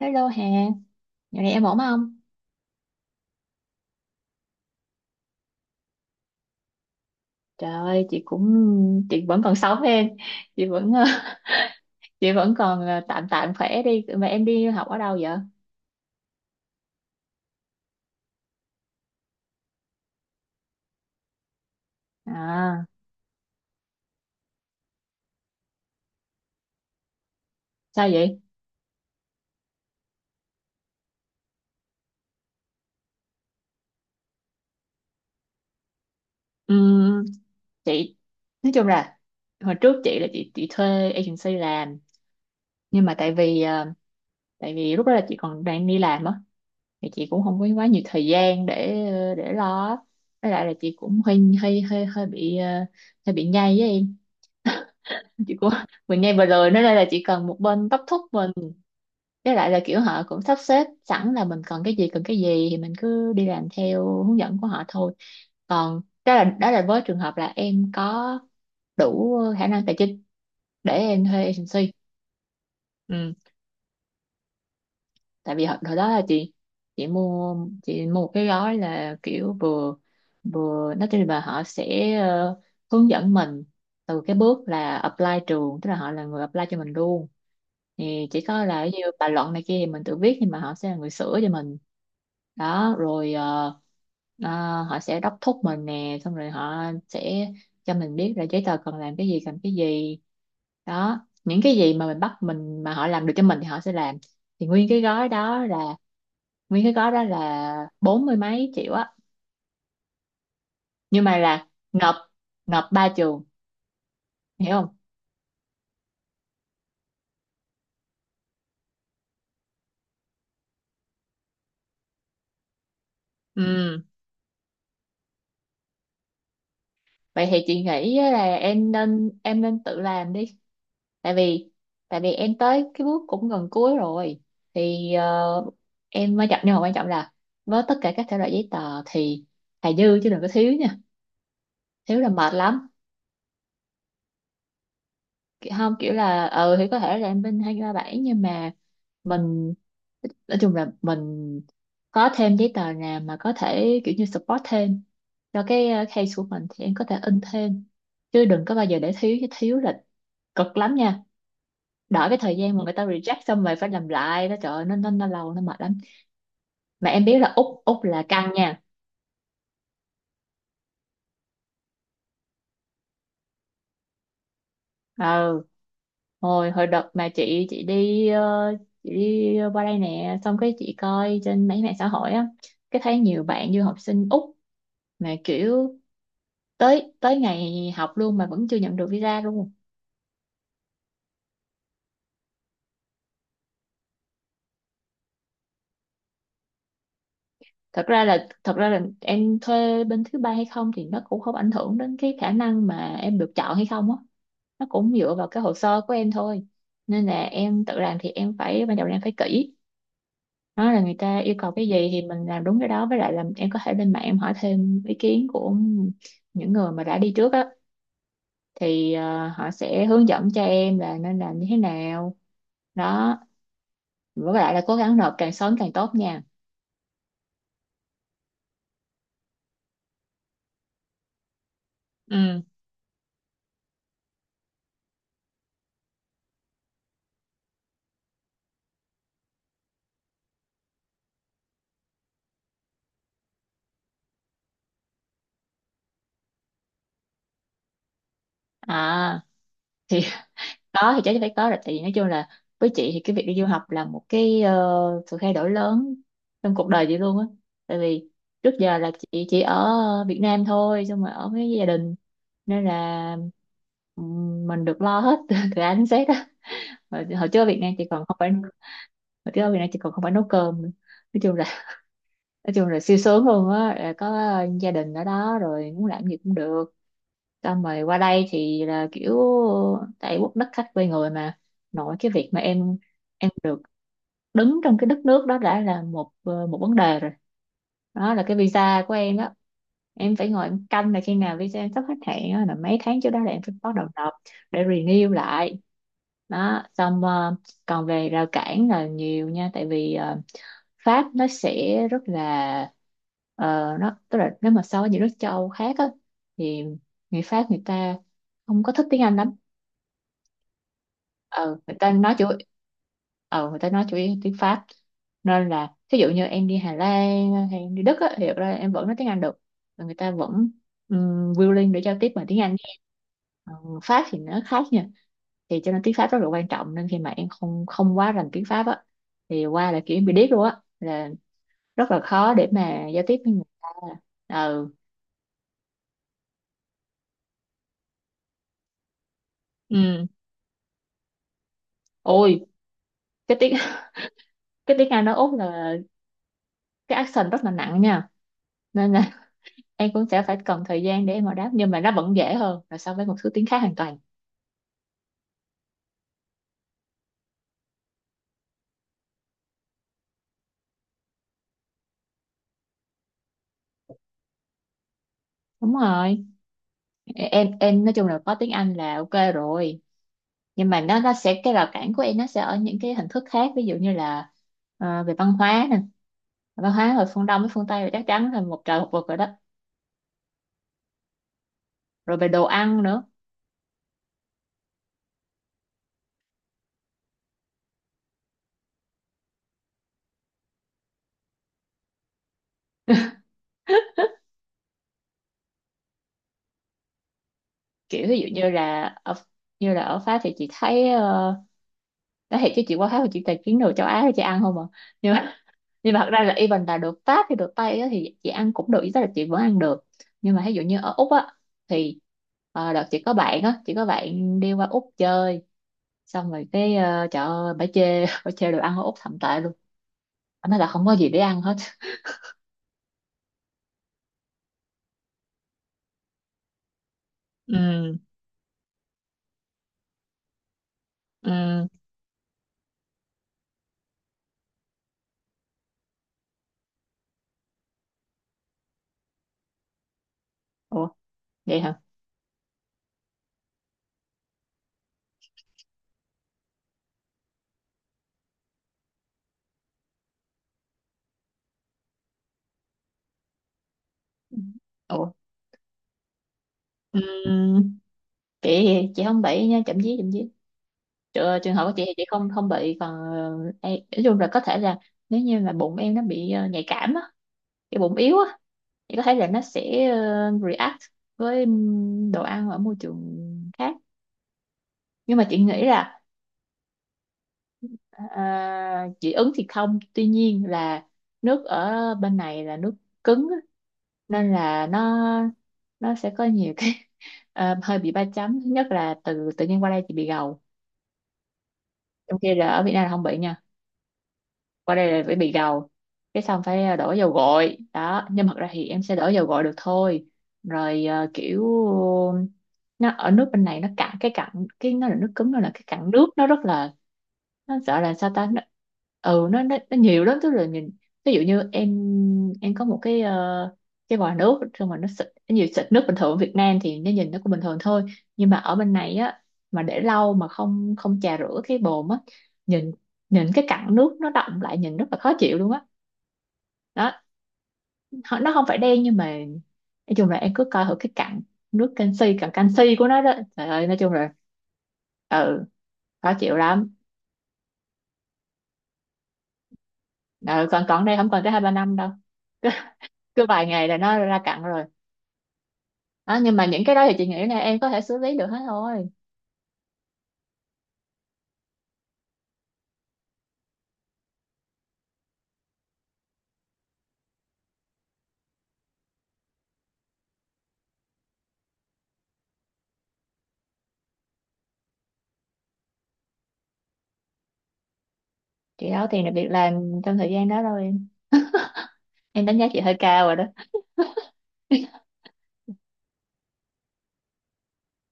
Hello Hà, dạo này em ổn không? Trời ơi, chị cũng chị vẫn còn sống em, chị vẫn chị vẫn còn tạm tạm khỏe đi. Mà em đi học ở đâu vậy? À, sao vậy? Ừm, chị nói chung là hồi trước chị là chị thuê agency làm, nhưng mà tại vì lúc đó là chị còn đang đi làm á, thì chị cũng không có quá nhiều thời gian để lo á. Với lại là chị cũng hơi hơi hơi hơi bị ờ, hơi bị nhây với em. Chị cũng mình nghe vừa rồi nói đây là chỉ cần một bên đốc thúc mình, với lại là kiểu họ cũng sắp xếp sẵn là mình cần cái gì thì mình cứ đi làm theo hướng dẫn của họ thôi. Còn đó là với trường hợp là em có đủ khả năng tài chính để em thuê agency. Ừ. Tại vì hồi đó là chị mua chị mua một cái gói là kiểu vừa vừa nói chung là họ sẽ hướng dẫn mình từ cái bước là apply trường, tức là họ là người apply cho mình luôn, thì chỉ có là như bài luận này kia thì mình tự viết nhưng mà họ sẽ là người sửa cho mình. Đó rồi họ sẽ đốc thúc mình nè, xong rồi họ sẽ cho mình biết là giấy tờ cần làm cái gì cần cái gì, đó những cái gì mà mình bắt mình mà họ làm được cho mình thì họ sẽ làm. Thì nguyên cái gói đó là bốn mươi mấy triệu á, nhưng mà là nộp nộp ba trường, hiểu không. Ừ, vậy thì chị nghĩ á là em nên tự làm đi. Tại vì tại vì em tới cái bước cũng gần cuối rồi, thì em mới chậm, nhưng mà quan trọng là với tất cả các thể loại giấy tờ thì thà dư chứ đừng có thiếu nha, thiếu là mệt lắm. Không kiểu là ừ thì có thể là em bên hai ba bảy nhưng mà mình nói chung là mình có thêm giấy tờ nào mà có thể kiểu như support thêm cho cái case của mình thì em có thể in thêm, chứ đừng có bao giờ để thiếu, chứ thiếu là cực lắm nha. Đợi cái thời gian mà người ta reject xong rồi phải làm lại đó, trời ơi, nó lâu nó mệt lắm. Mà em biết là úc úc là căng nha. Ừ, hồi hồi đợt mà chị đi qua đây nè, xong cái chị coi trên mấy mạng xã hội á, cái thấy nhiều bạn du học sinh úc mà kiểu tới tới ngày học luôn mà vẫn chưa nhận được visa luôn. Thật ra là em thuê bên thứ ba hay không thì nó cũng không ảnh hưởng đến cái khả năng mà em được chọn hay không á, nó cũng dựa vào cái hồ sơ của em thôi. Nên là em tự làm thì em phải ban đầu là em phải kỹ, đó là người ta yêu cầu cái gì thì mình làm đúng cái đó, với lại là em có thể lên mạng em hỏi thêm ý kiến của những người mà đã đi trước á, thì họ sẽ hướng dẫn cho em là nên làm như thế nào, đó, với lại là cố gắng nộp càng sớm càng tốt nha. Ừ, à thì có thì chắc chắn phải có rồi, tại vì nói chung là với chị thì cái việc đi du học là một cái sự thay đổi lớn trong cuộc đời chị luôn á. Tại vì trước giờ là chị chỉ ở Việt Nam thôi, xong rồi ở với gia đình, nên là mình được lo hết từ A đến Z á. Hồi, hồi trước ở Việt Nam chị còn không phải Hồi trước ở Việt Nam chị còn không phải nấu cơm nữa. nói chung là nói chung là siêu sướng luôn á, là có gia đình ở đó rồi muốn làm gì cũng được, xong rồi qua đây thì là kiểu tại quốc đất khách quê người mà, nội cái việc mà em được đứng trong cái đất nước đó đã là một vấn đề rồi. Đó là cái visa của em đó, em phải ngồi em canh là khi nào visa em sắp hết hạn á, là mấy tháng trước đó là em phải bắt đầu nộp để renew lại. Đó xong còn về rào cản là nhiều nha, tại vì Pháp nó sẽ rất là ờ, nó tức là nếu mà so với những nước châu Âu khác á, thì người Pháp người ta không có thích tiếng Anh lắm. ờ người ta nói chủ ờ Người ta nói chủ yếu tiếng Pháp, nên là thí dụ như em đi Hà Lan hay em đi Đức á, thì thật ra em vẫn nói tiếng Anh được, và người ta vẫn willing để giao tiếp bằng tiếng Anh. Ờ, Pháp thì nó khác nha, thì cho nên tiếng Pháp rất là quan trọng, nên khi mà em không không quá rành tiếng Pháp á, thì qua là kiểu em bị điếc luôn á, là rất là khó để mà giao tiếp với người ta. Ừ, ừ. Ôi cái tiếng cái tiếng Anh ở Úc là cái accent rất là nặng nha, nên là em cũng sẽ phải cần thời gian để em mà đáp, nhưng mà nó vẫn dễ hơn là so với một số tiếng khác hoàn toàn. Đúng rồi, em nói chung là có tiếng Anh là ok rồi, nhưng mà nó sẽ cái rào cản của em nó sẽ ở những cái hình thức khác, ví dụ như là về văn hóa nè, văn hóa ở phương Đông với phương Tây là chắc chắn là một trời một vực rồi đó, rồi về đồ ăn nữa. Kiểu ví dụ như là ở Pháp thì chị thấy nói thiệt chứ chị qua Pháp thì chị tài kiếm đồ châu Á thì chị ăn không à, nhưng mà nhưng mà thật ra là even là đồ Pháp hay đồ Tây á, thì chị ăn cũng được ý, tức là chị vẫn ăn được. Nhưng mà ví dụ như ở Úc á thì đợt chị có bạn á chị có bạn đi qua Úc chơi, xong rồi cái trời ơi bả chê bả chê đồ ăn ở Úc thậm tệ luôn, bả nói là không có gì để ăn hết. Ừ, ừ. Ủa, vậy hả? Ủa. Ừ, chị chị không bậy nha, chậm chí trường hợp của chị thì chị không không bị, còn em, nói chung là có thể là nếu như mà bụng em nó bị nhạy cảm á, cái bụng yếu á, thì có thể là nó sẽ react với đồ ăn ở môi trường khác. Nhưng mà chị nghĩ là à, dị ứng thì không, tuy nhiên là nước ở bên này là nước cứng á, nên là nó sẽ có nhiều cái hơi bị ba chấm. Thứ nhất là từ tự nhiên qua đây chị bị gầu, trong khi là ở Việt Nam là không bị nha, qua đây là phải bị gầu, cái xong phải đổ dầu gội đó, nhưng mà thật ra thì em sẽ đổ dầu gội được thôi. Rồi kiểu nó ở nước bên này nó cạn cái cặn, cái nó là nước cứng nó là cái cặn nước nó rất là, nó sợ là sao ta, nó, ừ nó, nó nhiều lắm, tức là nhìn, ví dụ như em có một cái vòi nước, xong mà nó xịt nhiều, xịt nước bình thường ở Việt Nam thì nó nhìn nó cũng bình thường thôi, nhưng mà ở bên này á, mà để lâu mà không không chà rửa cái bồn á, nhìn nhìn cái cặn nước nó đọng lại nhìn rất là khó chịu luôn á. Đó. Nó không phải đen nhưng mà nói chung là em cứ coi thử cái cặn nước canxi, cặn canxi của nó đó, trời ơi nói chung là ừ khó chịu lắm. Ừ, còn còn đây không còn tới 2-3 năm đâu, cứ vài ngày là nó ra cặn rồi. Đó, nhưng mà những cái đó thì chị nghĩ là em có thể xử lý được hết thôi. Chị đâu có tìm được việc làm trong thời gian đó đâu em đánh giá chị hơi cao rồi đó.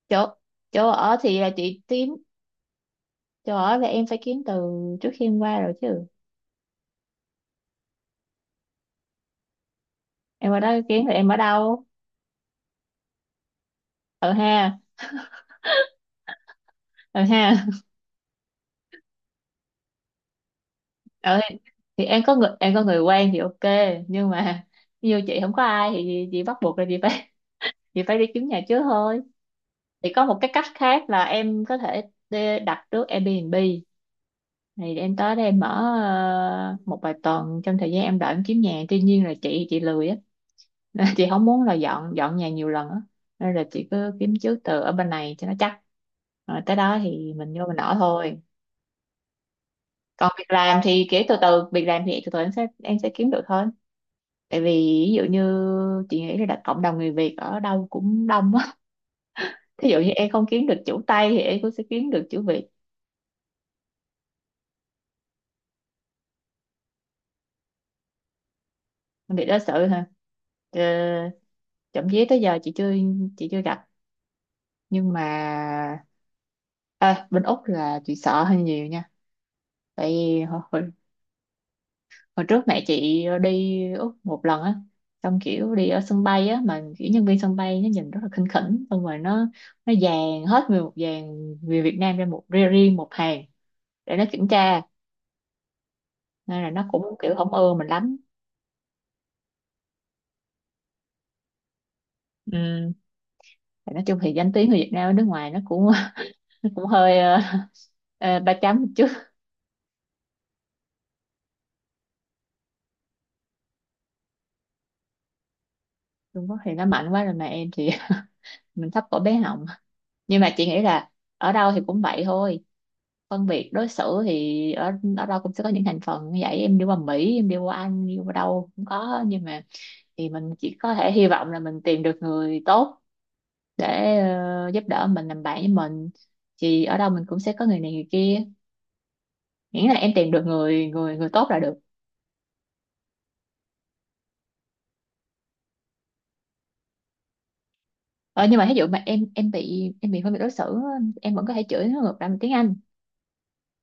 Chỗ chỗ ở thì là chị kiếm, chỗ ở là em phải kiếm từ trước khi em qua rồi chứ, em qua đó kiếm thì em ở đâu. Ở ha, ở ha. Ở thì em có người quen thì ok, nhưng mà như chị không có ai thì chị bắt buộc là chị phải chị phải đi kiếm nhà trước thôi. Thì có một cái cách khác là em có thể đi đặt trước Airbnb, thì em tới đây em mở một vài tuần trong thời gian em đợi em kiếm nhà, tuy nhiên là chị lười á, nên chị không muốn là dọn dọn nhà nhiều lần á, nên là chị cứ kiếm trước từ ở bên này cho nó chắc, rồi tới đó thì mình vô mình ở thôi. Còn việc làm thì từ từ em sẽ kiếm được thôi, tại vì ví dụ như chị nghĩ là đặt cộng đồng người Việt ở đâu cũng đông á, ví dụ như em không kiếm được chữ Tây thì em cũng sẽ kiếm được chữ Việt. Việt đó sự hả. Ờ, Trộm vía tới giờ chị chưa gặp, nhưng mà à, bên Úc là chị sợ hơi nhiều nha, tại vì hồi, hồi hồi trước mẹ chị đi Úc một lần á, xong kiểu đi ở sân bay á mà kiểu nhân viên sân bay nó nhìn rất là khinh khỉnh, xong rồi nó dàn hết người một dàn, người Việt Nam ra một, riêng riêng một hàng để nó kiểm tra, nên là nó cũng kiểu không ưa mình lắm. Ừ. Thì nói chung thì danh tiếng người Việt Nam ở nước ngoài nó cũng nó cũng hơi ba chấm một chút. Trung Quốc thì nó mạnh quá rồi mà em thì mình thấp cổ bé họng. Nhưng mà chị nghĩ là ở đâu thì cũng vậy thôi, phân biệt đối xử thì ở ở đâu cũng sẽ có những thành phần như vậy, em đi qua Mỹ em đi qua Anh đi qua đâu cũng có, nhưng mà thì mình chỉ có thể hy vọng là mình tìm được người tốt để giúp đỡ mình, làm bạn với mình, thì ở đâu mình cũng sẽ có người này người kia, miễn là em tìm được người người người tốt là được. Ờ, nhưng mà ví dụ mà em bị phân biệt đối xử á, em vẫn có thể chửi nó ngược lại bằng tiếng Anh,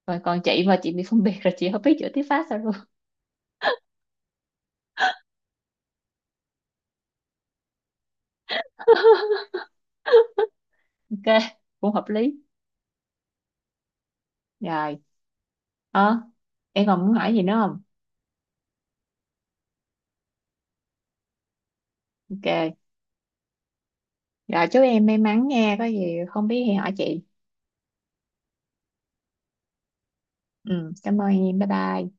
rồi còn chị mà chị bị phân biệt rồi chị không biết chửi tiếng Pháp sao luôn. Ok, cũng hợp lý rồi. Ờ, em còn muốn hỏi gì nữa không? Ok, rồi chúc em may mắn nha, có gì không biết thì hỏi chị. Ừ, cảm ơn em, bye bye.